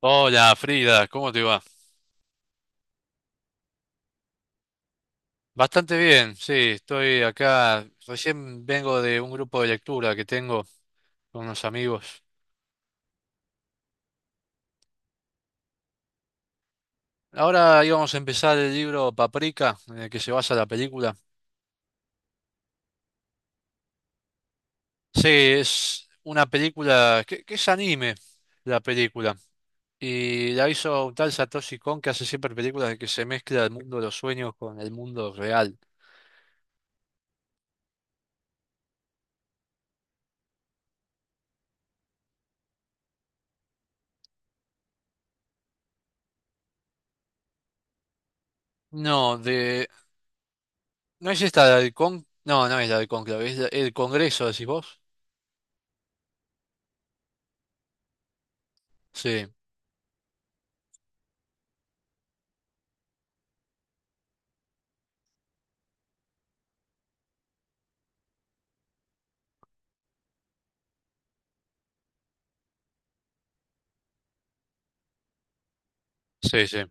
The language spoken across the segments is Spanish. Hola Frida, ¿cómo te va? Bastante bien, sí, estoy acá. Recién vengo de un grupo de lectura que tengo con unos amigos. Ahora íbamos a empezar el libro Paprika, en el que se basa la película. Sí, es una película que es anime, la película. Y la hizo un tal Satoshi Kon que hace siempre películas en que se mezcla el mundo de los sueños con el mundo real. No, ¿no es esta la del Con? No, no es la del Conclave, es el Congreso, decís vos. Sí, sí, sí.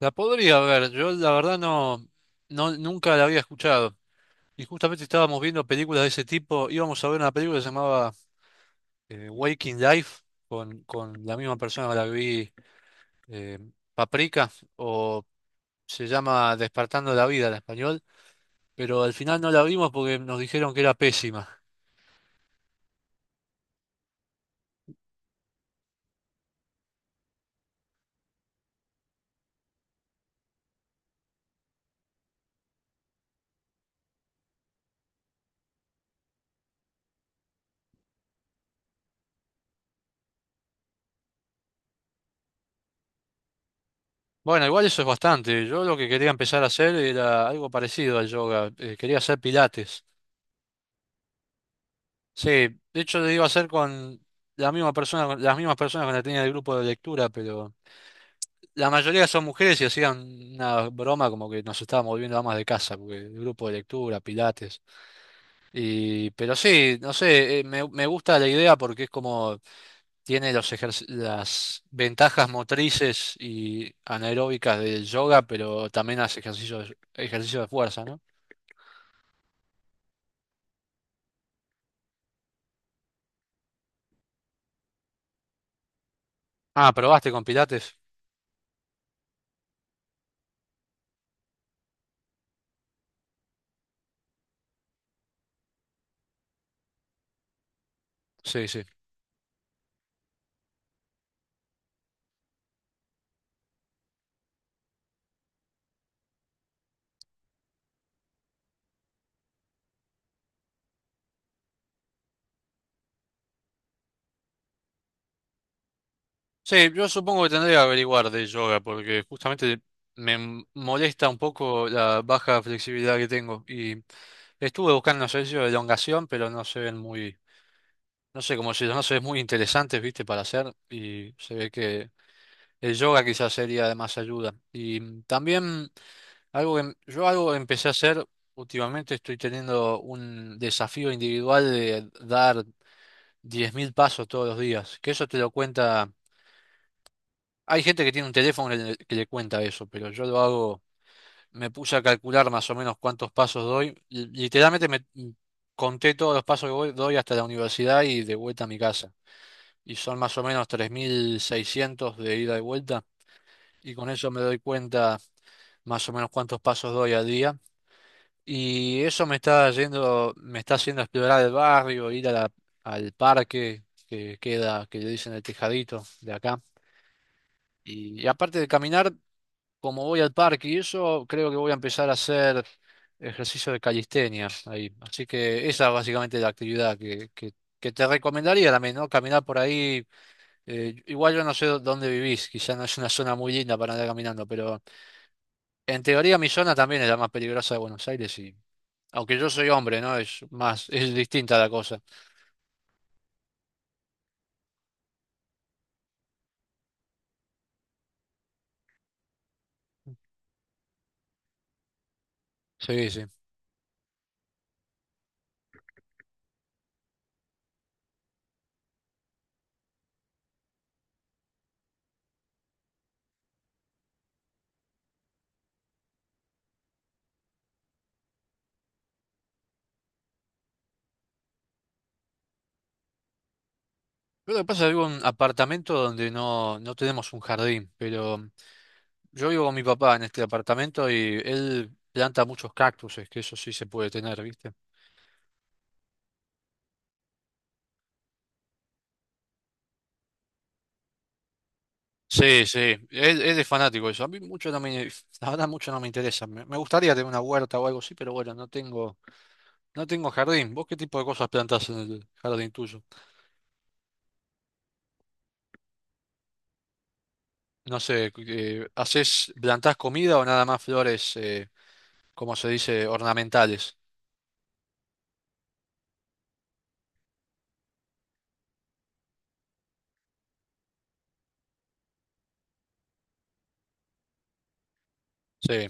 La podría ver, yo la verdad no, no, nunca la había escuchado. Y justamente estábamos viendo películas de ese tipo, íbamos a ver una película que se llamaba Waking Life, con la misma persona que la que vi, eh, Paprika, o se llama Despertando la Vida en español, pero al final no la vimos porque nos dijeron que era pésima. Bueno, igual eso es bastante, yo lo que quería empezar a hacer era algo parecido al yoga, quería hacer pilates. Sí, de hecho lo iba a hacer con la misma persona, con las mismas personas con las que tenía el grupo de lectura, pero la mayoría son mujeres y hacían una broma como que nos estábamos volviendo amas de casa, porque el grupo de lectura, pilates. Y, pero sí, no sé, me gusta la idea porque es como tiene los las ventajas motrices y anaeróbicas del yoga, pero también hace ejercicios, ejercicio de fuerza, ¿no? Ah, ¿probaste con pilates? Sí, sí. Sí, yo supongo que tendría que averiguar de yoga porque justamente me molesta un poco la baja flexibilidad que tengo y estuve buscando unos ejercicios de elongación, pero no se ven muy, no sé, como si no se ven muy interesantes, viste, para hacer y se ve que el yoga quizás sería de más ayuda. Y también algo que yo algo que empecé a hacer últimamente estoy teniendo un desafío individual de dar 10.000 pasos todos los días, que eso te lo cuenta. Hay gente que tiene un teléfono que le cuenta eso, pero yo lo hago, me puse a calcular más o menos cuántos pasos doy. Literalmente conté todos los pasos que doy hasta la universidad y de vuelta a mi casa. Y son más o menos 3.600 de ida y vuelta. Y con eso me doy cuenta más o menos cuántos pasos doy al día. Y eso me está yendo, me está haciendo explorar el barrio, ir a al parque que queda, que le dicen el Tejadito de acá. Y aparte de caminar, como voy al parque y eso, creo que voy a empezar a hacer ejercicio de calistenia ahí. Así que esa es básicamente la actividad que te recomendaría también, ¿no? Caminar por ahí. Igual yo no sé dónde vivís, quizá no es una zona muy linda para andar caminando, pero en teoría mi zona también es la más peligrosa de Buenos Aires y aunque yo soy hombre, ¿no? Es más, es distinta la cosa. Sí, sí. Pero lo que pasa es que vivo en un apartamento donde no, no tenemos un jardín, pero yo vivo con mi papá en este apartamento y él planta muchos cactuses, que eso sí se puede tener, ¿viste? Sí, sí, él es fanático de eso. A mí mucho no me, la verdad mucho no me interesa. Me gustaría tener una huerta o algo así, pero bueno, no tengo, no tengo jardín. ¿Vos qué tipo de cosas plantás en el jardín tuyo? No sé, ¿hacés, plantás comida o nada más flores, como se dice, ornamentales? Sí,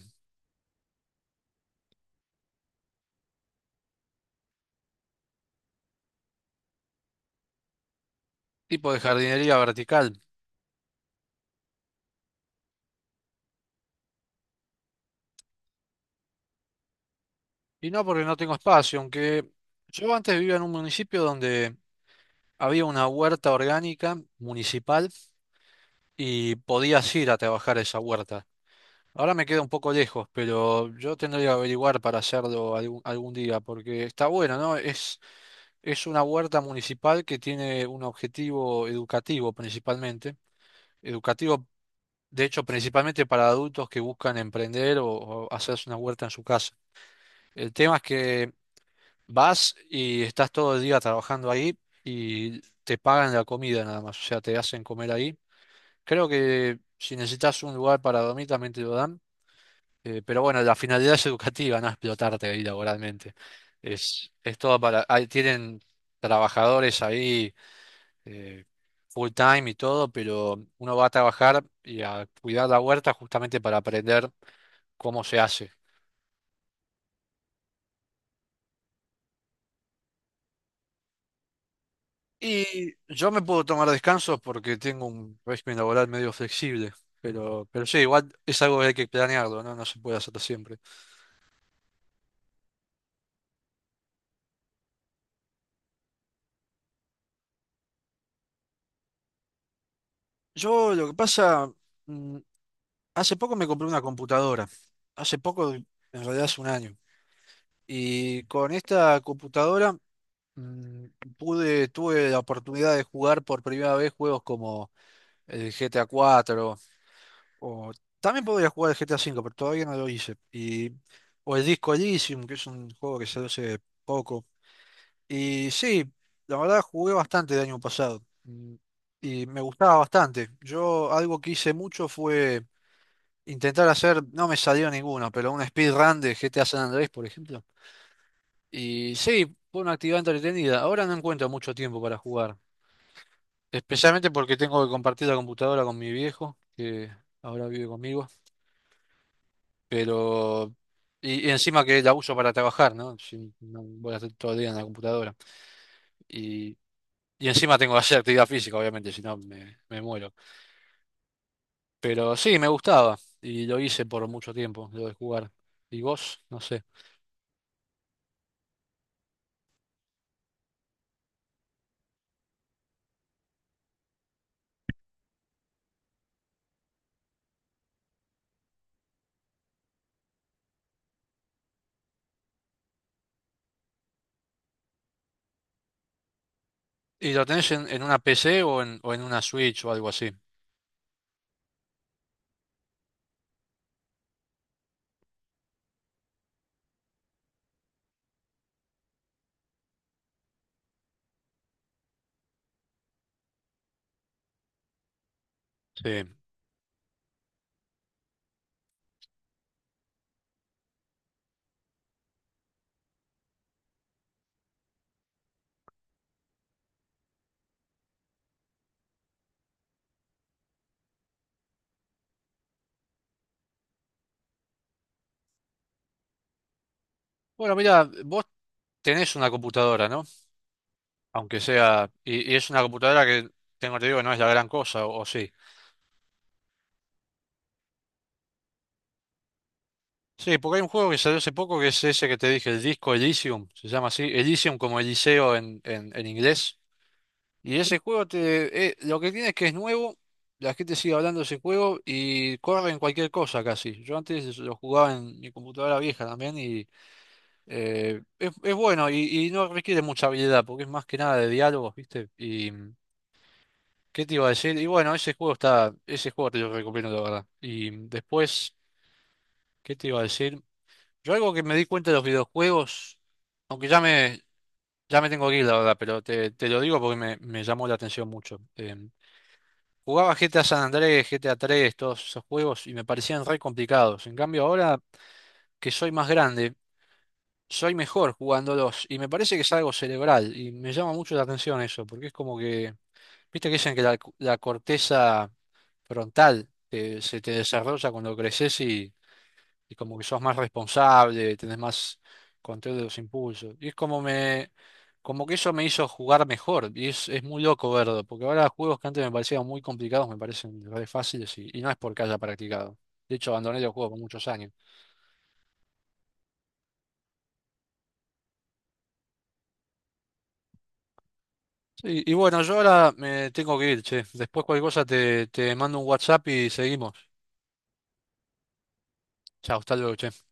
tipo de jardinería vertical. Y no porque no tengo espacio, aunque yo antes vivía en un municipio donde había una huerta orgánica municipal y podías ir a trabajar esa huerta. Ahora me queda un poco lejos, pero yo tendría que averiguar para hacerlo algún día, porque está bueno, ¿no? Es una huerta municipal que tiene un objetivo educativo principalmente, educativo, de hecho, principalmente para adultos que buscan emprender o hacerse una huerta en su casa. El tema es que vas y estás todo el día trabajando ahí y te pagan la comida nada más, o sea, te hacen comer ahí. Creo que si necesitas un lugar para dormir también te lo dan, pero bueno, la finalidad es educativa, no explotarte ahí laboralmente. Es todo ahí tienen trabajadores ahí eh, full time y todo, pero uno va a trabajar y a cuidar la huerta justamente para aprender cómo se hace. Y yo me puedo tomar descansos porque tengo un régimen laboral medio flexible, pero sí, igual es algo que hay que planearlo, ¿no? No se puede hacer siempre. Yo lo que pasa... mm, Hace poco me compré una computadora. Hace poco, en realidad hace un año. Y con esta computadora mm, pude, tuve la oportunidad de jugar por primera vez juegos como el GTA 4 o también podría jugar el GTA 5 pero todavía no lo hice. Y, o el Disco Elysium, que es un juego que salió hace poco. Y sí, la verdad jugué bastante el año pasado. Y me gustaba bastante. Yo algo que hice mucho fue intentar hacer, no me salió ninguno, pero un speedrun de GTA San Andrés, por ejemplo. Y sí, fue una actividad entretenida. Ahora no encuentro mucho tiempo para jugar, especialmente porque tengo que compartir la computadora con mi viejo, que ahora vive conmigo, pero... Y encima que la uso para trabajar, ¿no? Si no voy a estar todo el día en la computadora. Y, y encima tengo que hacer actividad física, obviamente, si no me muero. Pero sí, me gustaba y lo hice por mucho tiempo, lo de jugar. ¿Y vos? No sé. ¿Y lo tenés en una PC o en una Switch o algo así? Sí. Bueno, mira, vos tenés una computadora, ¿no? Aunque sea. Y es una computadora que, tengo te digo, no es la gran cosa, o sí. Sí, porque hay un juego que salió hace poco que es ese que te dije, el disco Elysium, se llama así. Elysium como Eliseo en inglés. Y ese juego lo que tiene es que es nuevo, la gente sigue hablando de ese juego y corre en cualquier cosa casi. Yo antes lo jugaba en mi computadora vieja también y es bueno y no requiere mucha habilidad porque es más que nada de diálogos, ¿viste? Y ¿qué te iba a decir? Y bueno, ese juego está, ese juego te lo recomiendo, la verdad. Y después, ¿qué te iba a decir? Yo algo que me di cuenta de los videojuegos, aunque ya me tengo que ir, la verdad, pero te lo digo porque me llamó la atención mucho. Jugaba GTA San Andrés, GTA 3, todos esos juegos y me parecían re complicados. En cambio, ahora que soy más grande, soy mejor jugándolos y me parece que es algo cerebral y me llama mucho la atención eso, porque es como que, viste que dicen que la corteza frontal se te desarrolla cuando creces y como que sos más responsable, tenés más control de los impulsos. Y es como como que eso me hizo jugar mejor y es muy loco verlo, porque ahora juegos que antes me parecían muy complicados me parecen re fáciles y no es porque haya practicado. De hecho, abandoné los juegos por muchos años. Y bueno, yo ahora me tengo que ir, che. Después cualquier cosa te mando un WhatsApp y seguimos. Chao, hasta luego, che.